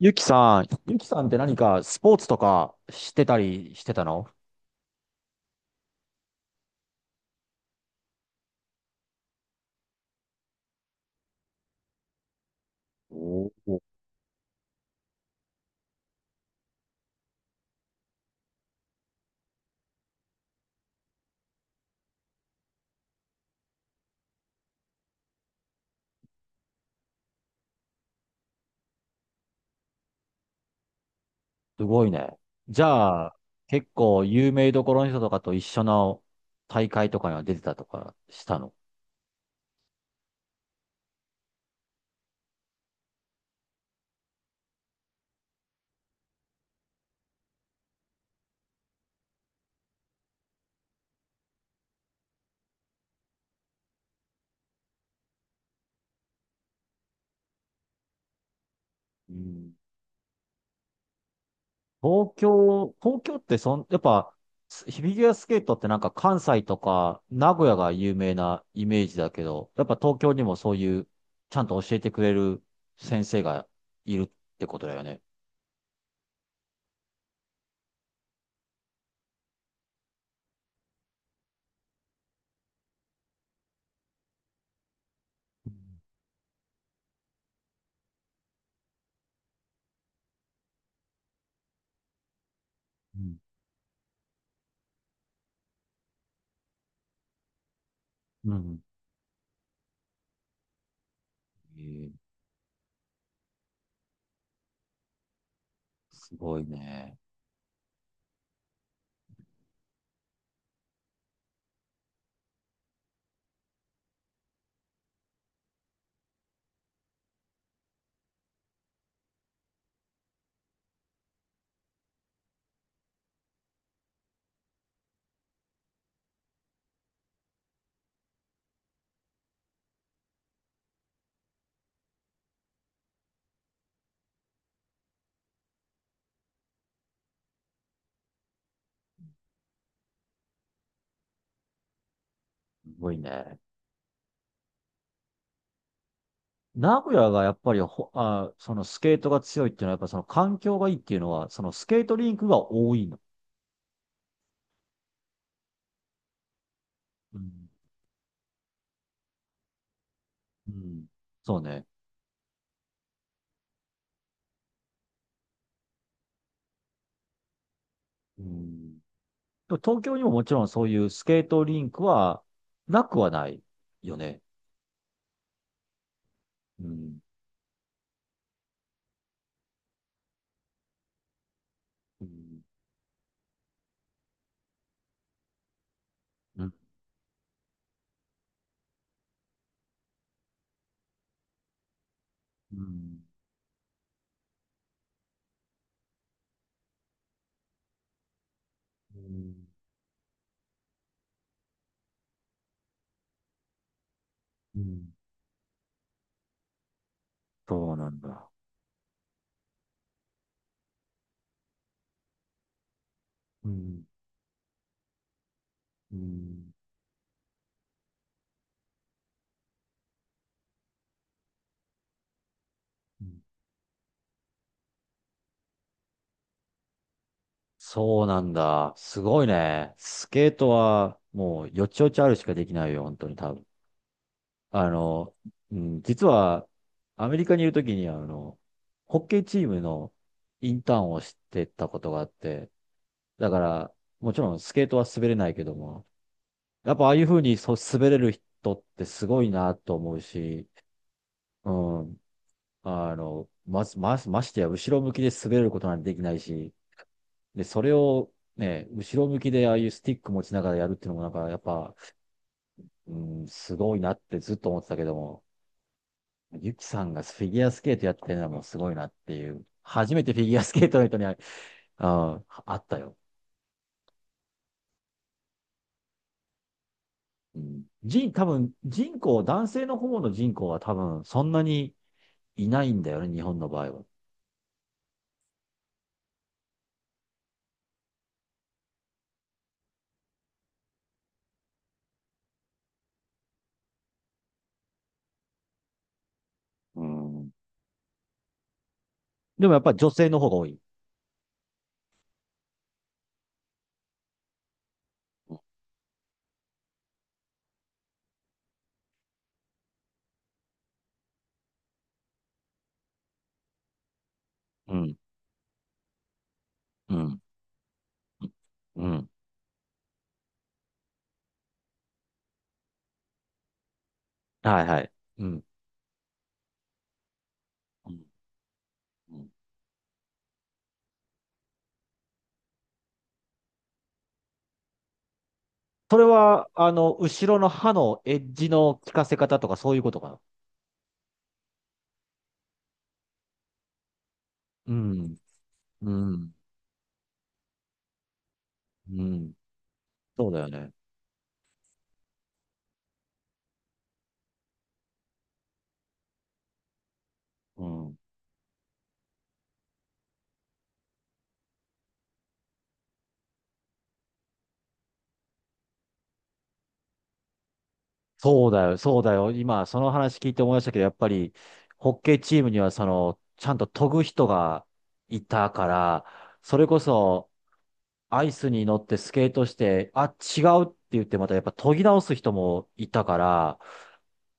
ゆきさん、ゆきさんって何かスポーツとかしてたりしてたの？おー、すごいね。じゃあ、結構有名どころの人とかと一緒の大会とかには出てたとかしたの？うん。東京ってやっぱ、フィギュアスケートってなんか関西とか名古屋が有名なイメージだけど、やっぱ東京にもそういう、ちゃんと教えてくれる先生がいるってことだよね。うん。うん。うん。すごいね。すごいね。名古屋がやっぱりあ、そのスケートが強いっていうのは、やっぱその環境がいいっていうのは、そのスケートリンクが多いの？うん。うん。そうね。うん。でも東京にももちろんそういうスケートリンクはなくはないよね。うん。うん。うん。うん。うん。うん。そうなんだ。うん。うん。うん。そうなんだ。すごいね。スケートはもうよちよちあるしかできないよ、本当に多分。あの、うん、実はアメリカにいるときにホッケーチームのインターンをしてたことがあって、だからもちろんスケートは滑れないけども、やっぱああいうふうにそう滑れる人ってすごいなと思うし、うん、まず、ましてや後ろ向きで滑れることなんてできないし、で、それをね、後ろ向きでああいうスティック持ちながらやるっていうのもなんかやっぱ、うん、すごいなってずっと思ってたけども、ゆきさんがフィギュアスケートやってるのもすごいなっていう、初めてフィギュアスケートの人にあ、ああったよ。うん、多分人口、男性の方の人口は多分そんなにいないんだよね、日本の場合は。うん。でもやっぱり女性の方が多い。うん、うん、うん。はいはい。うん。うんうん、それは、後ろの歯のエッジの効かせ方とかそういうことかな？うん、うん、うん。そうだよね。うん。そうだよ、そうだよ。今、その話聞いて思いましたけど、やっぱり、ホッケーチームには、その、ちゃんと研ぐ人がいたから、それこそ、アイスに乗ってスケートして、あ、違うって言って、またやっぱ研ぎ直す人もいたから、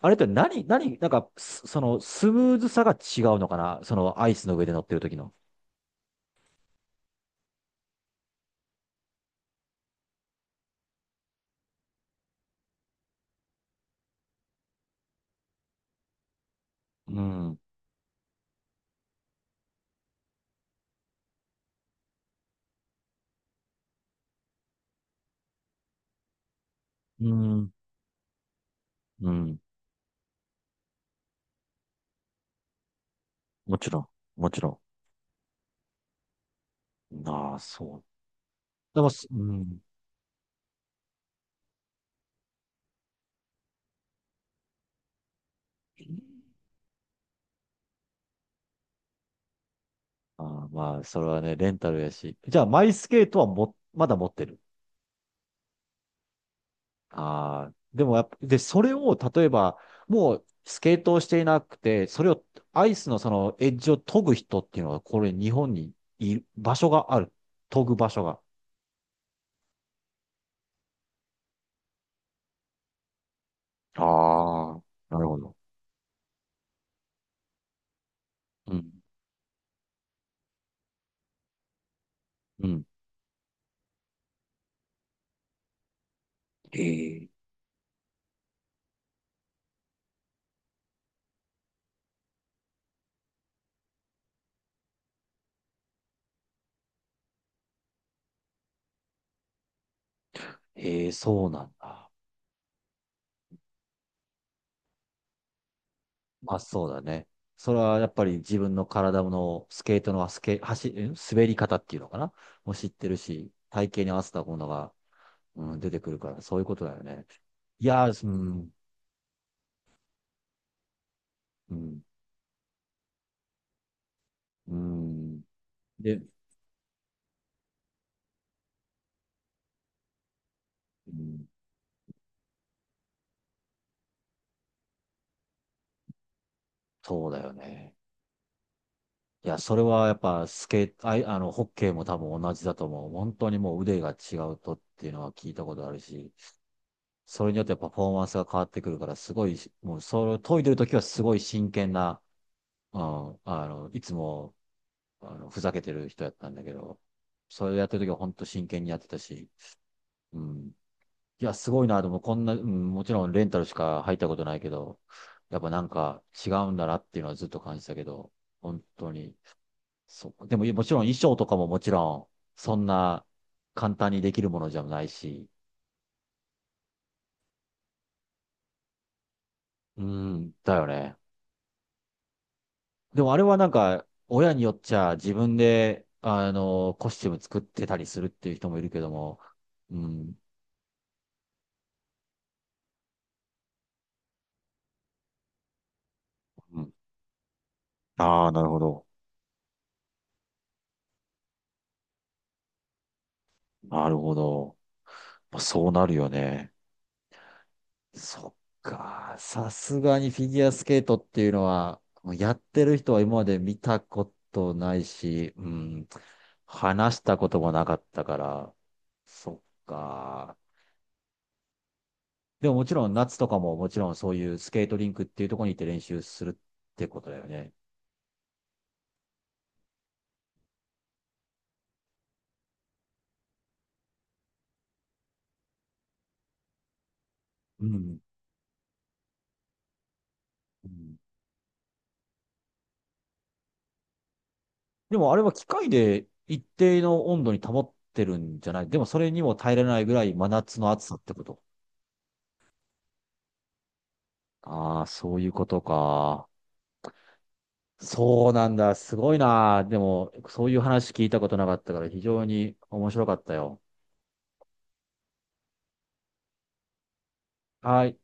あれってなんか、すその、スムーズさが違うのかな、その、アイスの上で乗ってる時の。うん。うん、うん、もちろん、もちろん。ああ、そう。でも、うん。ああ、まあ、それはね、レンタルやし。じゃあ、マイスケートはまだ持ってる？ああ、でもやっぱ、で、それを、例えば、もう、スケートをしていなくて、それを、アイスのその、エッジを研ぐ人っていうのは、これ、日本にいる、場所がある？研ぐ場所が？ああ、なるほど。うん。うん。ええ、ええ、そうなんだ。まあそうだね。それはやっぱり自分の体のスケートのスケ、走、ん滑り方っていうのかな、もう知ってるし、体型に合わせたものが、うん、出てくるから、そういうことだよね。いやー、うん、うん、うん。で、うん、そうだよね。いや、それはやっぱスケート、ホッケーも多分同じだと思う。本当にもう腕が違うとっていうのは聞いたことあるし、それによってパフォーマンスが変わってくるから、すごい、もうそれを研いでるときはすごい真剣な、うん、いつも、ふざけてる人やったんだけど、それやってる時は本当真剣にやってたし、うん。いや、すごいな、でもこんな、うん、もちろんレンタルしか入ったことないけど、やっぱなんか違うんだなっていうのはずっと感じたけど、本当に、そう。でも、もちろん衣装とかももちろん、そんな簡単にできるものじゃないし、うん、だよね。でもあれはなんか、親によっちゃ自分で、コスチューム作ってたりするっていう人もいるけども、うん、うん。ああ、なるほど。なるほど。まあ、そうなるよね。そっか。さすがにフィギュアスケートっていうのは、もうやってる人は今まで見たことないし、うん、話したこともなかったから、そっか。でももちろん夏とかももちろんそういうスケートリンクっていうところに行って練習するってことだよね。うん。うん。でもあれは機械で一定の温度に保ってるんじゃない？でもそれにも耐えられないぐらい真夏の暑さってこと？ああー、そういうことか。そうなんだ。すごいな。でも、そういう話聞いたことなかったから非常に面白かったよ。はい。